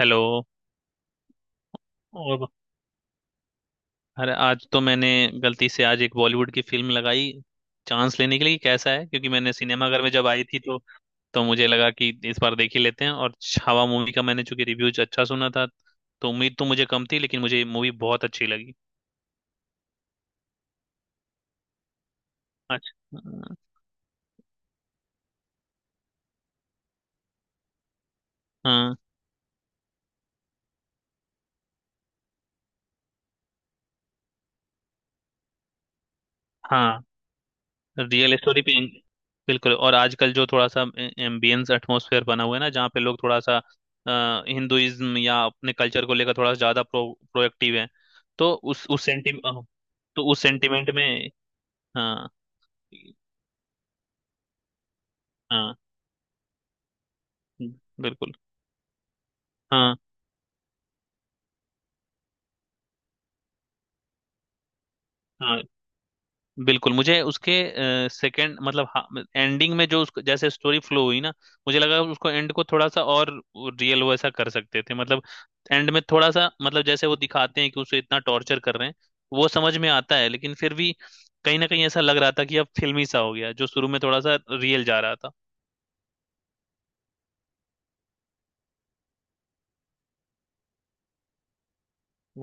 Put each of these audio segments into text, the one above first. Hello. और अरे आज तो मैंने गलती से आज एक बॉलीवुड की फिल्म लगाई, चांस लेने के लिए कि कैसा है, क्योंकि मैंने सिनेमाघर में जब आई थी तो मुझे लगा कि इस बार देख ही लेते हैं, और छावा मूवी का मैंने चूंकि रिव्यूज अच्छा सुना था तो उम्मीद तो मुझे कम थी, लेकिन मुझे मूवी बहुत अच्छी लगी। अच्छा। हाँ हाँ। रियल स्टोरी पे। बिल्कुल। और आजकल जो थोड़ा सा एम्बियंस एटमॉस्फेयर बना हुआ है ना, जहाँ पे लोग थोड़ा सा हिंदुइज्म या अपने कल्चर को लेकर थोड़ा सा ज्यादा प्रो प्रोएक्टिव है, तो उस सेंटि, तो उस सेंटिमेंट में। हाँ हाँ। बिल्कुल। हाँ हाँ। बिल्कुल मुझे उसके सेकंड, एंडिंग में जो उसको जैसे स्टोरी फ्लो हुई ना, मुझे लगा उसको एंड को थोड़ा सा और रियल वैसा कर सकते थे। मतलब एंड में थोड़ा सा मतलब जैसे वो दिखाते हैं कि उसे इतना टॉर्चर कर रहे हैं, वो समझ में आता है, लेकिन फिर भी कहीं ना कहीं ऐसा लग रहा था कि अब फिल्मी सा हो गया, जो शुरू में थोड़ा सा रियल जा रहा था।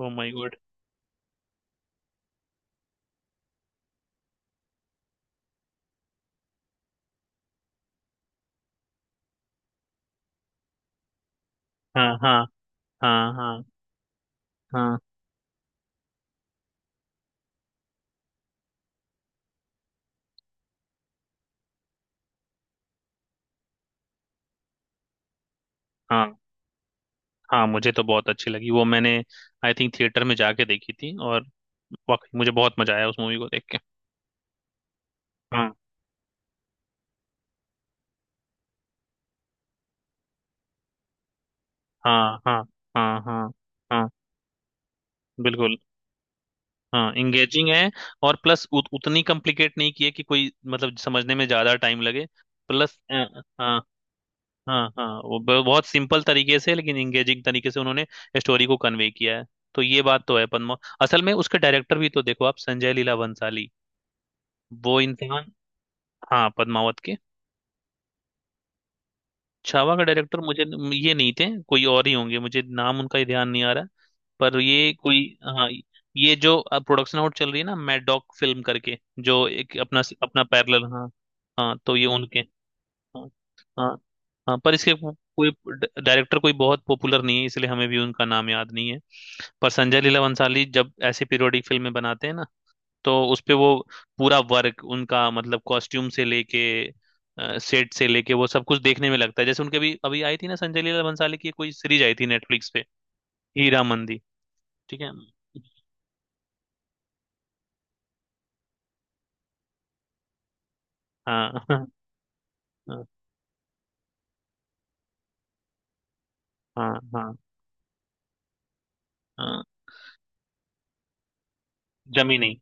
Oh my god. हाँ हाँ हाँ हाँ। हाँ हाँ। हाँ मुझे तो बहुत अच्छी लगी वो, मैंने आई थिंक थिएटर में जाके देखी थी, और वाकई मुझे बहुत मजा आया उस मूवी को देख के। हाँ हाँ हाँ हाँ हाँ। बिल्कुल। हाँ इंगेजिंग है। और प्लस उतनी कॉम्प्लिकेट नहीं की है कि कोई मतलब समझने में ज्यादा टाइम लगे। प्लस अ, हाँ हाँ हाँ वो बहुत सिंपल तरीके से, लेकिन इंगेजिंग तरीके से उन्होंने स्टोरी को कन्वे किया है। तो ये बात तो है। पद्मा, असल में उसके डायरेक्टर भी तो देखो आप, संजय लीला भंसाली, वो इंसान। हाँ पद्मावत के। छावा का डायरेक्टर मुझे ये नहीं थे, कोई और ही होंगे, मुझे नाम उनका ही ध्यान नहीं आ रहा। पर ये कोई, हाँ, ये जो अब प्रोडक्शन आउट चल रही है ना, मैड डॉग फिल्म करके, जो एक अपना अपना पैरेलल। हाँ हाँ तो ये उनके। हाँ हाँ हाँ, पर इसके कोई डायरेक्टर कोई बहुत पॉपुलर नहीं है, इसलिए हमें भी उनका नाम याद नहीं है। पर संजय लीला भंसाली जब ऐसे पीरियोडिक फिल्में बनाते हैं ना, तो उस पे वो पूरा वर्क उनका, मतलब कॉस्ट्यूम से लेके सेट से लेके वो सब कुछ देखने में लगता है। जैसे उनके भी अभी आई थी ना, संजय लीला भंसाली की कोई सीरीज आई थी नेटफ्लिक्स पे। हीरा मंदी। ठीक है। हाँ हाँ हाँ हाँ हाँ जमी नहीं,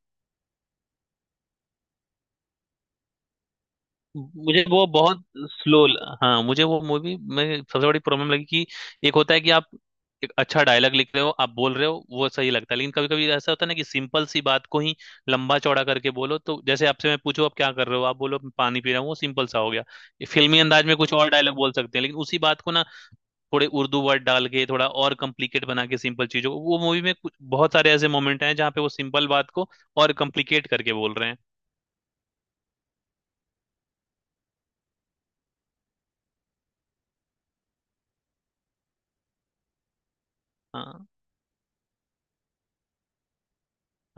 मुझे वो बहुत स्लो। हाँ मुझे वो मूवी में सबसे बड़ी प्रॉब्लम लगी कि एक होता है कि आप एक अच्छा डायलॉग लिख रहे हो, आप बोल रहे हो, वो सही लगता है। लेकिन कभी कभी ऐसा होता है ना कि सिंपल सी बात को ही लंबा चौड़ा करके बोलो। तो जैसे आपसे मैं पूछूं आप क्या कर रहे हो, आप बोलो मैं पानी पी रहा हूँ, वो सिंपल सा हो गया। ये फिल्मी अंदाज में कुछ और डायलॉग बोल सकते हैं लेकिन उसी बात को ना थोड़े उर्दू वर्ड डाल के थोड़ा और कॉम्प्लिकेट बना के, सिंपल चीजों को। वो मूवी में कुछ बहुत सारे ऐसे मोमेंट हैं जहाँ पे वो सिंपल बात को और कॉम्प्लिकेट करके बोल रहे हैं। हाँ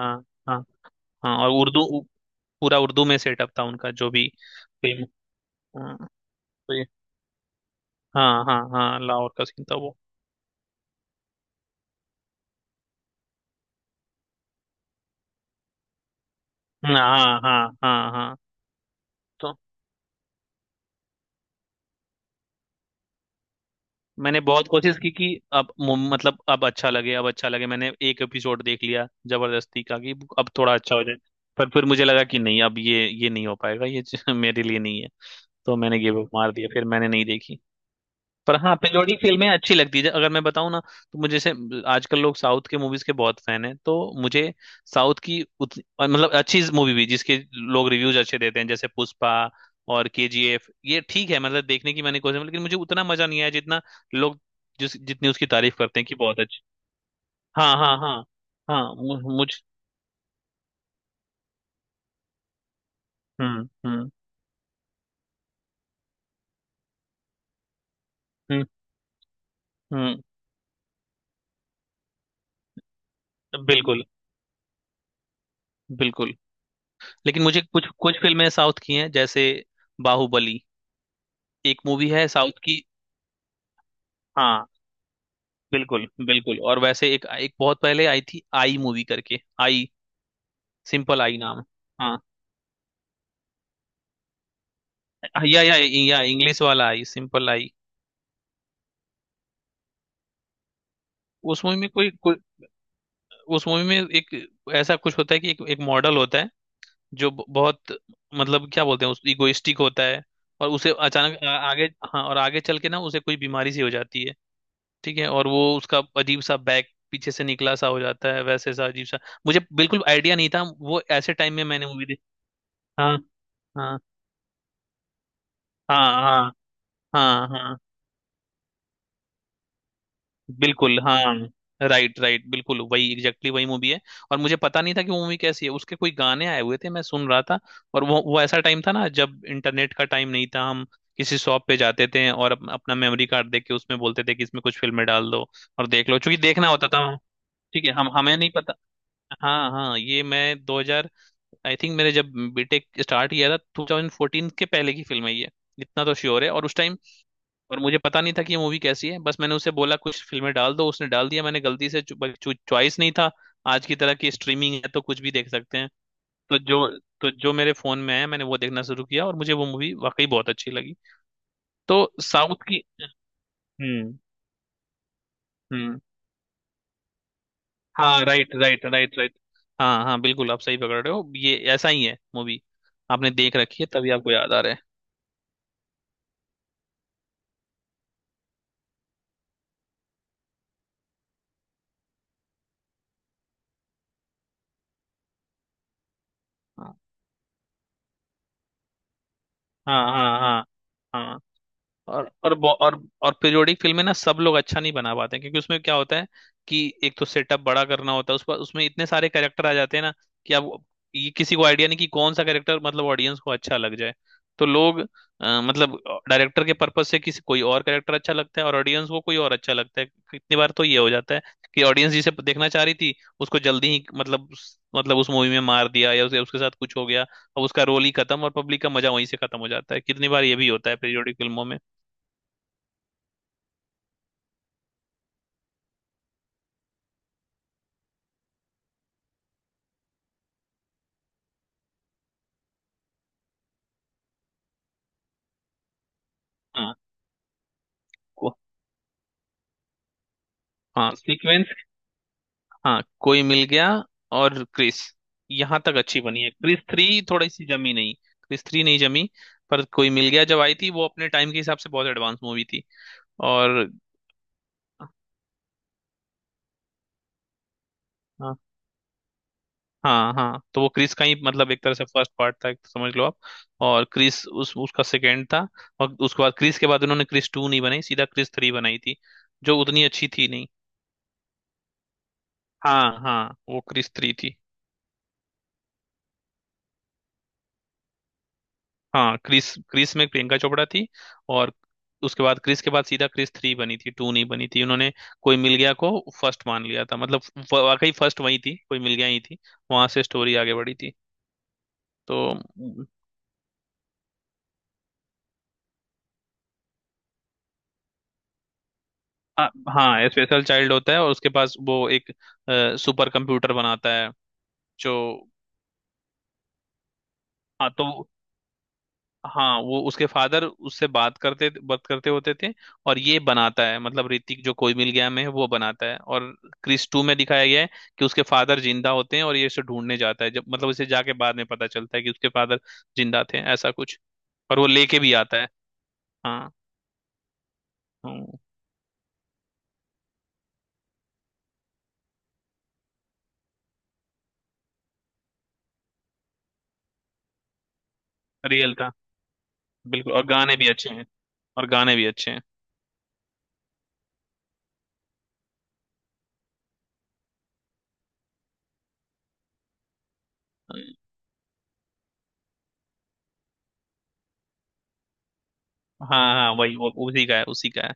हाँ हाँ हाँ। और उर्दू, पूरा उर्दू में सेटअप था उनका, जो भी फिल्म। हाँ तो ये, हाँ हाँ हाँ, लाहौर का सीन था वो। हाँ हाँ हाँ हाँ। तो मैंने बहुत कोशिश की कि अब मतलब अब अच्छा लगे, अब अच्छा लगे, मैंने एक एपिसोड देख लिया जबरदस्ती का कि अब थोड़ा अच्छा हो जाए। पर फिर मुझे लगा कि नहीं, अब ये नहीं हो पाएगा, ये मेरे लिए नहीं है। तो मैंने गिव अप मार दिया, फिर मैंने नहीं देखी। पर हाँ पेलोडी फिल्में अच्छी लगती है। अगर मैं बताऊँ ना तो मुझे, जैसे आजकल लोग साउथ के मूवीज के बहुत फैन हैं, तो मुझे साउथ की उतनी और मतलब अच्छी मूवी भी, जिसके लोग रिव्यूज अच्छे देते हैं जैसे पुष्पा और केजीएफ, ये ठीक है, मतलब देखने की मैंने कोशिश, लेकिन मुझे उतना मजा नहीं आया जितना लोग जिस जितनी उसकी तारीफ करते हैं कि बहुत अच्छी। हाँ हाँ हाँ। हाँ मुझ, हम्म हम्म हम्म हम्म बिल्कुल बिल्कुल। लेकिन मुझे कुछ कुछ फिल्में साउथ की हैं जैसे बाहुबली, एक मूवी है साउथ की। हाँ बिल्कुल बिल्कुल। और वैसे एक एक बहुत पहले आई थी, आई मूवी करके, आई सिंपल आई नाम। हाँ, या, इंग्लिश वाला आई, सिंपल आई। उस मूवी में कोई, उस मूवी में एक ऐसा कुछ होता है कि एक मॉडल होता है जो बहुत, मतलब क्या बोलते हैं, उस इगोइस्टिक होता है। और उसे अचानक आगे, हाँ और आगे चल के ना उसे कोई बीमारी सी हो जाती है। ठीक है। और वो उसका अजीब सा बैक पीछे से निकला सा हो जाता है, वैसे सा अजीब सा। मुझे बिल्कुल आइडिया नहीं था, वो ऐसे टाइम में मैंने मूवी देखी। हाँ हाँ हाँ हाँ हाँ हाँ। बिल्कुल हाँ, राइट राइट, बिल्कुल वही, एग्जैक्टली वही मूवी है। और मुझे पता नहीं था कि वो मूवी कैसी है, उसके कोई गाने आए हुए थे, मैं सुन रहा था। और वो ऐसा टाइम था ना जब इंटरनेट का टाइम नहीं था, हम किसी शॉप पे जाते थे और अपना मेमोरी कार्ड देके उसमें बोलते थे कि इसमें कुछ फिल्में डाल दो और देख लो, क्योंकि देखना होता था। ठीक है, हम हमें नहीं पता। हाँ हाँ ये मैं 2000, आई थिंक मैंने जब बीटेक स्टार्ट किया था, 2014 के पहले की फिल्म है ये, इतना तो श्योर है। और उस टाइम, और मुझे पता नहीं था कि ये मूवी कैसी है, बस मैंने उसे बोला कुछ फिल्में डाल दो, उसने डाल दिया, मैंने गलती से, चॉइस नहीं था आज की तरह की स्ट्रीमिंग है तो कुछ भी देख सकते हैं। तो जो तो जो मेरे फोन में है मैंने वो देखना शुरू किया, और मुझे वो मूवी वाकई बहुत अच्छी लगी। तो साउथ की। Hmm hmm. हाँ राइट राइट राइट राइट। हाँ हाँ बिल्कुल, आप सही पकड़ रहे हो, ये ऐसा ही है मूवी। आपने देख रखी है, तभी आपको याद आ रहा है। हाँ हाँ हाँ हाँ। और और पीरियोडिक फिल्में ना सब लोग अच्छा नहीं बना पाते हैं, क्योंकि उसमें क्या होता है कि एक तो सेटअप बड़ा करना होता है, उस पर उसमें इतने सारे कैरेक्टर आ जाते हैं ना कि अब ये किसी को आइडिया नहीं कि कौन सा कैरेक्टर मतलब ऑडियंस को अच्छा लग जाए। तो लोग, मतलब डायरेक्टर के पर्पज से किसी कोई और कैरेक्टर अच्छा लगता है, और ऑडियंस को कोई और अच्छा लगता है। कितनी बार तो ये हो जाता है कि ऑडियंस जिसे देखना चाह रही थी, उसको जल्दी ही मतलब मतलब उस मूवी में मार दिया या उसे उसके साथ कुछ हो गया, अब उसका रोल ही खत्म और पब्लिक का मजा वहीं से खत्म हो जाता है। कितनी बार ये भी होता है पीरियोडिक फिल्मों में। हाँ को, हाँ सीक्वेंस, हाँ कोई मिल गया और क्रिस यहाँ तक अच्छी बनी है, क्रिस थ्री थोड़ी सी जमी नहीं, क्रिस थ्री नहीं जमी। पर कोई मिल गया जब आई थी वो अपने टाइम के हिसाब से बहुत एडवांस मूवी थी। और हाँ हाँ हाँ, तो वो क्रिस का ही मतलब एक तरह से फर्स्ट पार्ट था समझ लो आप, और क्रिस उस उसका सेकंड था। और उसके बाद क्रिस के बाद उन्होंने क्रिस टू नहीं बनाई, सीधा क्रिस थ्री बनाई थी, जो उतनी अच्छी थी नहीं। हाँ हाँ वो क्रिस थ्री थी। हाँ क्रिस, क्रिस में प्रियंका चोपड़ा थी, और उसके बाद क्रिस के बाद सीधा क्रिस थ्री बनी थी, टू नहीं बनी थी उन्होंने। कोई मिल गया को फर्स्ट मान लिया था, मतलब वाकई फर्स्ट वही थी, कोई मिल गया ही थी, वहां से स्टोरी आगे बढ़ी थी। तो आ, हाँ स्पेशल चाइल्ड होता है और उसके पास वो एक सुपर कंप्यूटर बनाता है जो, हाँ तो हाँ वो उसके फादर उससे बात करते होते थे, और ये बनाता है मतलब ऋतिक जो कोई मिल गया में है, वो बनाता है। और क्रिस टू में दिखाया गया है कि उसके फादर जिंदा होते हैं, और ये इसे ढूंढने जाता है, जब मतलब उसे जाके बाद में पता चलता है कि उसके फादर जिंदा थे, ऐसा कुछ। और वो लेके भी आता है। हाँ। हम्म, रियल था। बिल्कुल और गाने भी अच्छे हैं। और गाने भी अच्छे हैं। हाँ हाँ वही वो उसी का है।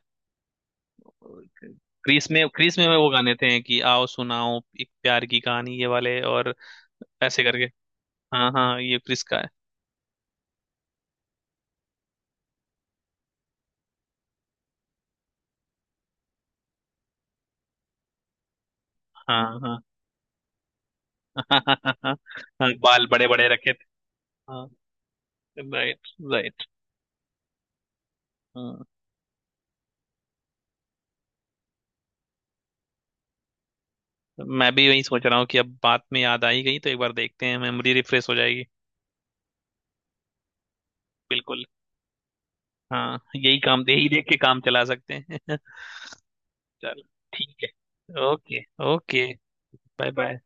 क्रिस में, क्रिस में वो गाने थे कि आओ सुनाओ एक प्यार की कहानी, ये वाले और ऐसे करके। हाँ हाँ ये क्रिस का है। हाँ हाँ हाँ बाल बड़े बड़े रखे थे। हाँ राइट राइट। हाँ मैं भी वही सोच रहा हूँ कि अब बात में याद आई गई तो एक बार देखते हैं, मेमोरी रिफ्रेश हो जाएगी। बिल्कुल। हाँ यही काम, यही देख के काम चला सकते हैं चल ठीक है, okay. Okay. Bye bye. Bye.